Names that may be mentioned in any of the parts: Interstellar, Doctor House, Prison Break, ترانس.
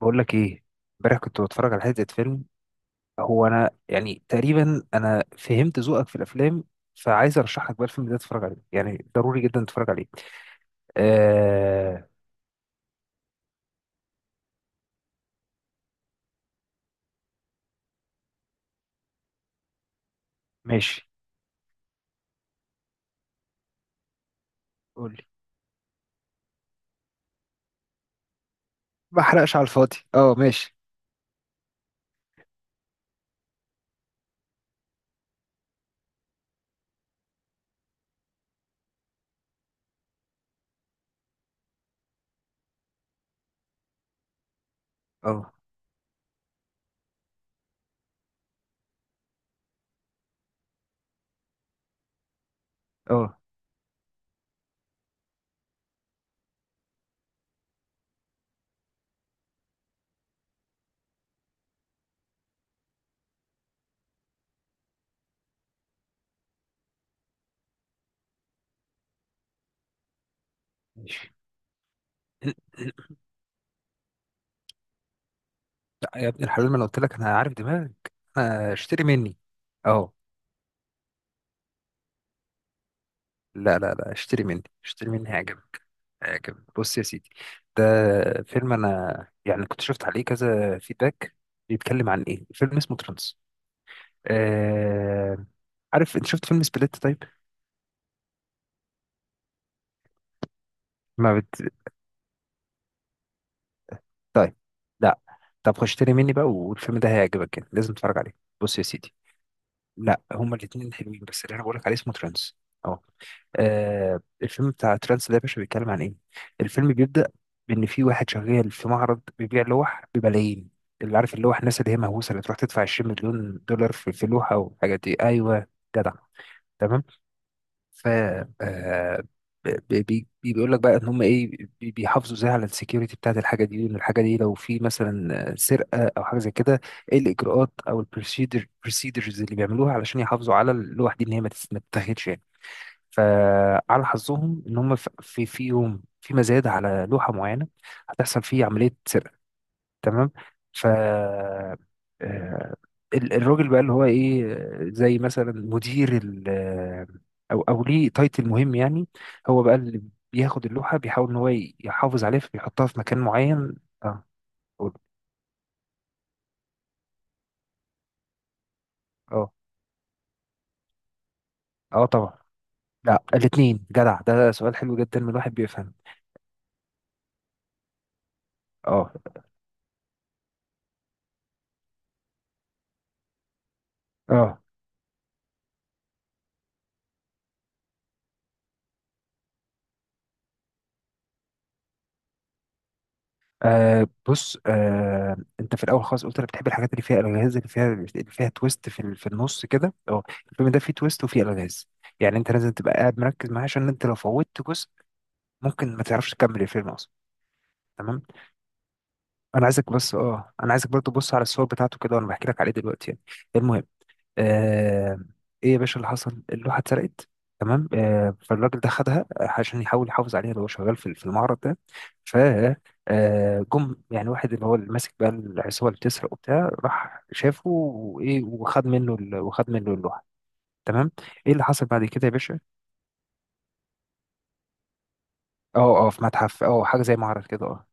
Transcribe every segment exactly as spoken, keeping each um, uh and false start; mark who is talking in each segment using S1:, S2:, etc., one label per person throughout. S1: بقول لك ايه. امبارح كنت بتفرج على حته فيلم. هو انا يعني تقريبا انا فهمت ذوقك في الافلام، فعايز ارشح لك بقى الفيلم ده تتفرج عليه، يعني ضروري جدا تتفرج عليه. آه. ماشي. قول لي. ما احرقش على الفاضي، اه ماشي. اه اه ماشي. لا يا ابن الحلال، ما انا قلت لك انا عارف دماغك. انا اشتري مني. اه. لا لا لا، اشتري مني اشتري مني هيعجبك. هيعجبك، بص يا سيدي. ده فيلم انا يعني كنت شفت عليه كذا فيدباك. بيتكلم عن ايه؟ فيلم اسمه ترانس. آه... عارف انت شفت فيلم سبليت؟ طيب. ما بت... طيب. لا. طب خش اشتري مني بقى، والفيلم ده هيعجبك، يعني لازم تتفرج عليه. بص يا سيدي. لا هما الاتنين حلوين، بس اللي انا بقولك عليه اسمه ترانس. آه، الفيلم بتاع ترانس ده يا باشا بيتكلم عن ايه؟ الفيلم بيبدأ بإن في واحد شغال في معرض بيبيع لوح بملايين. اللي عارف اللوح، الناس اللي هي مهووسة اللي تروح تدفع عشرين مليون دولار في في لوحة والحاجات دي، أيوه. جدع. تمام. ف آه بي بي- بيقول لك بقى ان هم ايه، بي- بيحافظوا ازاي على السكيورتي بتاعت الحاجه دي، وان الحاجه دي لو في مثلا سرقه او حاجه زي كده، ايه الاجراءات او البروسيدر بروسيدرز اللي بيعملوها علشان يحافظوا على اللوح دي ان هي ما تتاخدش يعني. فعلى حظهم ان هم ف- في في يوم في مزاد على لوحه معينه هتحصل فيه عمليه سرقه. تمام. ف آه، ال- الراجل بقى اللي هو ايه، آه، زي مثلا مدير ال آه، او او ليه تايتل مهم يعني، هو بقى اللي بياخد اللوحه، بيحاول ان هو ي- يحافظ عليها، فبيحطها في مكان معين. اه. قول. اه اه طبعا. لا الاثنين. جدع، ده سؤال حلو جدا من واحد بيفهم. اه اه. آه بص، آه انت في الاول خالص قلت انا بتحب الحاجات اللي فيها الغاز، اللي فيها اللي فيها تويست في ال- في النص كده، اه. الفيلم ده فيه تويست وفيه الغاز، يعني انت لازم تبقى قاعد مركز معاه، عشان انت لو فوتت جزء ممكن ما تعرفش تكمل الفيلم اصلا. تمام. انا عايزك بس اه انا عايزك برضه تبص على الصور بتاعته كده وانا بحكي لك عليه دلوقتي يعني. المهم، آه ايه يا باشا اللي حصل؟ اللوحه اتسرقت. تمام. آه فالراجل ده خدها عشان يحاول يحافظ عليها، اللي هو شغال في في المعرض ده. ف آه، جم يعني واحد اللي هو اللي ماسك بقى العصابه اللي بتسرق وبتاع، راح شافه وايه، وخد منه ال- وخد منه اللوحه. تمام. ايه اللي حصل بعد كده يا باشا؟ اه اه في متحف، اه حاجه زي معرض كده، اه.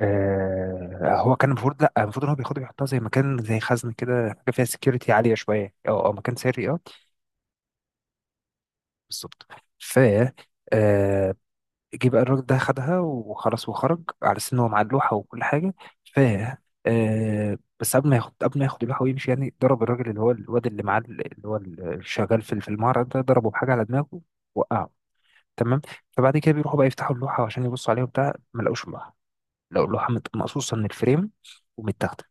S1: آه، هو كان المفروض، لا المفروض ان هو بياخدها بيحطها زي مكان زي خزنه كده، حاجه فيها سكيورتي عاليه شويه، اه اه، مكان سري، اه. بالظبط. ف آه، جه بقى الراجل ده خدها وخلاص وخرج على أساس إن هو معاه اللوحة وكل حاجة. ف آه بس قبل ما ياخد قبل ما ياخد اللوحة ويمشي يعني، ضرب الراجل اللي هو الواد اللي معاه، اللي هو الشغال في في المعرض ده، ضربه بحاجة على دماغه، وقعه. تمام. فبعد كده بيروحوا بقى يفتحوا اللوحة عشان يبصوا عليها وبتاع، ما لقوش اللوحة. لقوا اللوحة مت- مقصوصة من الفريم ومتاخدة.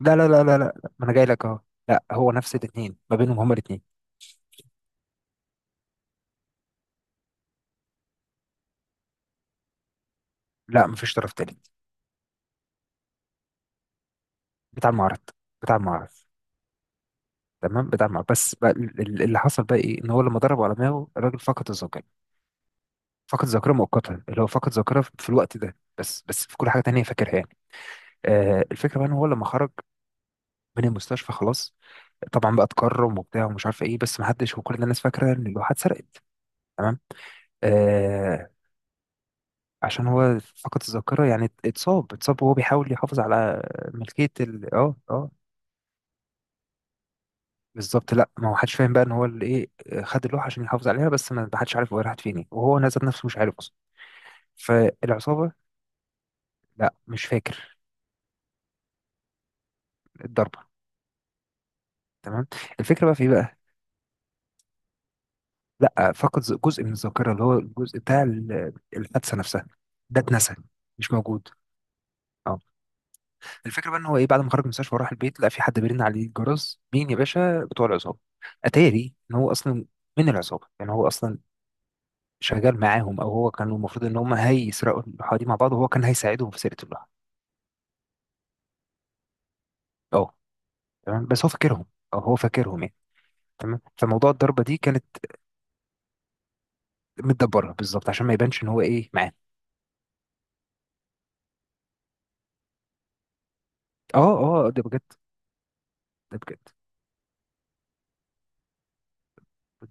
S1: لا لا لا لا لا لا، ما أنا جاي لك أهو. لا، هو نفس الاتنين ما بينهم، هما الاتنين. لا مفيش طرف تالت. بتاع المعرض. بتاع المعرض تمام. بدمع بس بقى، ال- ال- اللي حصل بقى ايه، ان هو لما ضربه على دماغه الراجل فقد الذاكره. فقد الذاكره مؤقتا، اللي هو فقد ذاكره في الوقت ده بس بس في كل حاجه تانية فاكرها يعني. آه الفكره بقى ان هو لما خرج من المستشفى خلاص، طبعا بقى اتكرم وبتاع ومش عارف ايه، بس ما حدش، وكل الناس فاكره ان اللوحه اتسرقت. تمام. آه عشان هو فقد الذاكره يعني، ات- اتصاب اتصاب وهو بيحاول يحافظ على ملكيه ال، اه اه. بالظبط، لا ما هو حدش فاهم بقى ان هو اللي ايه، خد اللوحه عشان يحافظ عليها، بس ما حدش عارف هو راحت فين إيه. وهو نزل نفسه مش عارف. فالعصابه. لا مش فاكر. الضربه. تمام. الفكره بقى في ايه بقى؟ لا فقد ز- جزء من الذاكره، اللي هو الجزء بتاع ال- الحادثه نفسها، ده اتنسى، مش موجود. اه. الفكره بقى ان هو ايه، بعد ما خرج من المستشفى وراح البيت لقى في حد بيرن عليه الجرس، مين يا باشا؟ بتوع العصابه. اتاري ان هو اصلا من العصابه، يعني هو اصلا شغال معاهم، او هو كان المفروض ان هم هيسرقوا اللوحه دي مع بعض، وهو كان هيساعدهم في سرقه اللوحه. اه. تمام بس هو فاكرهم، او هو فاكرهم يعني. تمام، فموضوع الضربه دي كانت متدبرها، بالظبط عشان ما يبانش ان هو ايه معاه. اه اه، ده بجد. ده بجد.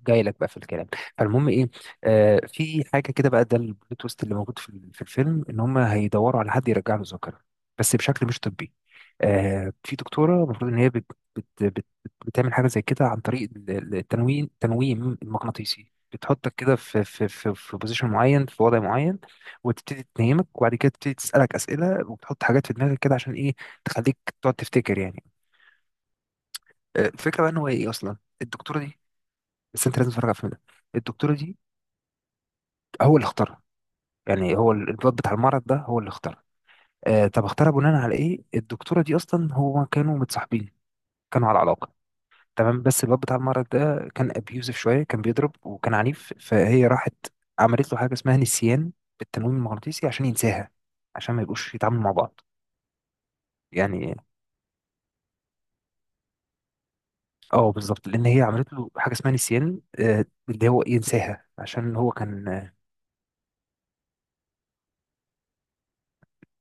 S1: جاي لك بقى في الكلام. فالمهم ايه، آه في حاجه كده بقى، ده البلوت تويست اللي موجود في ال- في الفيلم، ان هم هيدوروا على حد يرجع له الذاكره بس بشكل مش طبي. آه في دكتوره المفروض ان هي بت بت بت بت بتعمل حاجه زي كده، عن طريق ال- ال- التنويم التنويم المغناطيسي، بتحطك كده في في في في بوزيشن معين، في وضع معين، وتبتدي تنيمك وبعد كده تبتدي تسالك اسئله وبتحط حاجات في دماغك كده عشان ايه، تخليك تقعد تفتكر يعني. آه، الفكره بقى ان هو ايه اصلا، الدكتوره دي، بس انت لازم تتفرج على الفيلم ده، الدكتوره دي هو اللي اختارها، يعني هو ال- الواد بتاع المرض ده هو اللي اختارها. آه، طب اختارها بناء على ايه؟ الدكتوره دي اصلا هو كانوا متصاحبين، كانوا على علاقه. تمام بس الواد بتاع المرض ده كان ابيوزف شويه، كان بيضرب وكان عنيف، فهي راحت عملت له حاجه اسمها نسيان بالتنويم المغناطيسي عشان ينساها، عشان ما يبقوش يتعاملوا مع بعض يعني. اه بالظبط، لان هي عملت له حاجه اسمها نسيان، آه، اللي هو ينساها عشان هو كان.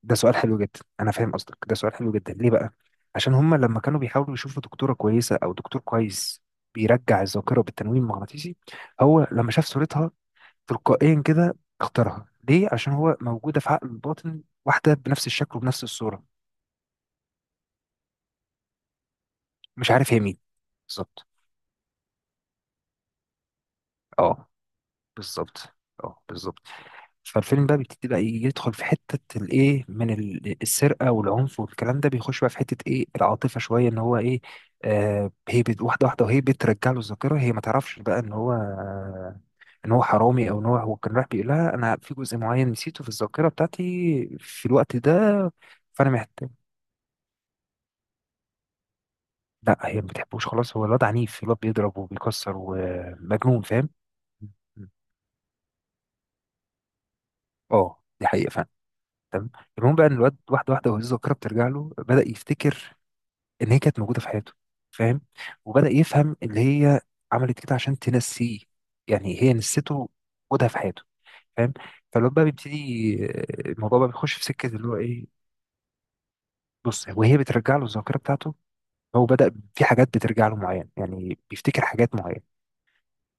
S1: ده سؤال حلو جدا، انا فاهم قصدك. ده سؤال حلو جدا ليه بقى؟ عشان هما لما كانوا بيحاولوا يشوفوا دكتوره كويسه او دكتور كويس بيرجع الذاكره بالتنويم المغناطيسي، هو لما شاف صورتها تلقائيا كده اختارها، ليه؟ عشان هو موجوده في عقل الباطن واحده بنفس الشكل وبنفس الصوره، مش عارف هي مين. بالظبط. اه بالظبط. اه بالظبط. فالفيلم بقى بيبتدي بقى يدخل في حتة الايه، من ال- السرقة والعنف والكلام ده بيخش بقى في حتة ايه، العاطفة شوية، ان هو ايه، آه هي بت- واحدة واحدة وهي بترجع له الذاكرة، هي ما تعرفش بقى ان هو آه ان هو حرامي، او ان هو هو كان رايح بيقول لها انا في جزء معين نسيته في الذاكرة بتاعتي في الوقت ده، فانا محتاج. لا هي ما بتحبوش خلاص، هو الواد عنيف، الواد بيضرب وبيكسر ومجنون، فاهم. اه دي حقيقة فعلا. تمام. المهم بقى ان الواد واحدة واحدة وهي الذاكرة بترجع له، بدأ يفتكر ان هي كانت موجوده في حياته، فاهم، وبدا يفهم اللي هي عملت كده عشان تنسيه، يعني هي نسيته وجودها في حياته، فاهم. فالواد بقى بيبتدي، الموضوع بقى بيخش في سكه اللي هو ايه، بص، وهي بترجع له الذاكره بتاعته، هو بدا في حاجات بترجع له معين يعني بيفتكر حاجات معينه،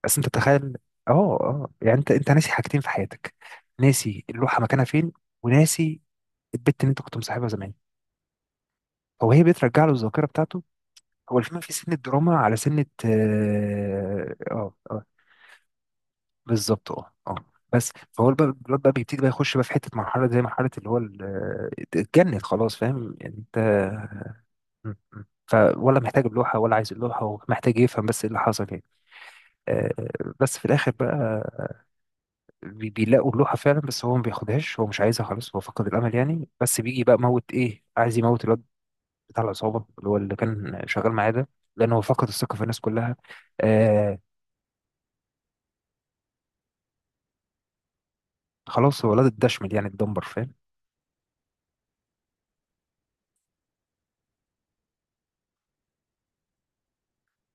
S1: بس انت تخيل. اه اه. يعني انت انت ناسي حاجتين في حياتك، ناسي اللوحه مكانها فين، وناسي البت اللي انت كنت مصاحبها زمان، هو هي بترجع له الذاكره بتاعته. هو الفيلم في سن الدراما على سنة، اه اه آه. بالظبط اه اه. بس فهو الب- الواد بقى بيبتدي بقى يخش بقى في حتة مرحلة زي مرحلة اللي هو ال- آه، اتجنن خلاص، فاهم يعني انت. م- م. فولا محتاج اللوحة ولا عايز اللوحة، ومحتاج يفهم بس ايه اللي حصل يعني. آه، آه، بس في الآخر بقى بي- بيلاقوا اللوحة فعلا، بس هو ما بياخدهاش، هو مش عايزها خلاص، هو فقد الأمل يعني، بس بيجي بقى موت ايه، عايز يموت الواد بتاع العصابة اللي هو اللي كان شغال معاه ده، لأن هو فقد الثقة في الناس كلها. آه، خلاص هو ولاد الدشمل يعني الدمبر، فاهم.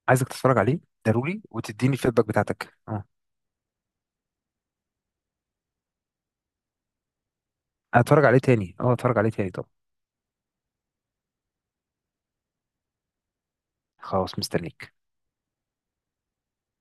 S1: عايزك تتفرج عليه، ضروري، وتديني الفيدباك بتاعتك، اه. هتفرج عليه تاني، اه هتفرج عليه تاني، طب. خلاص، مستنيك.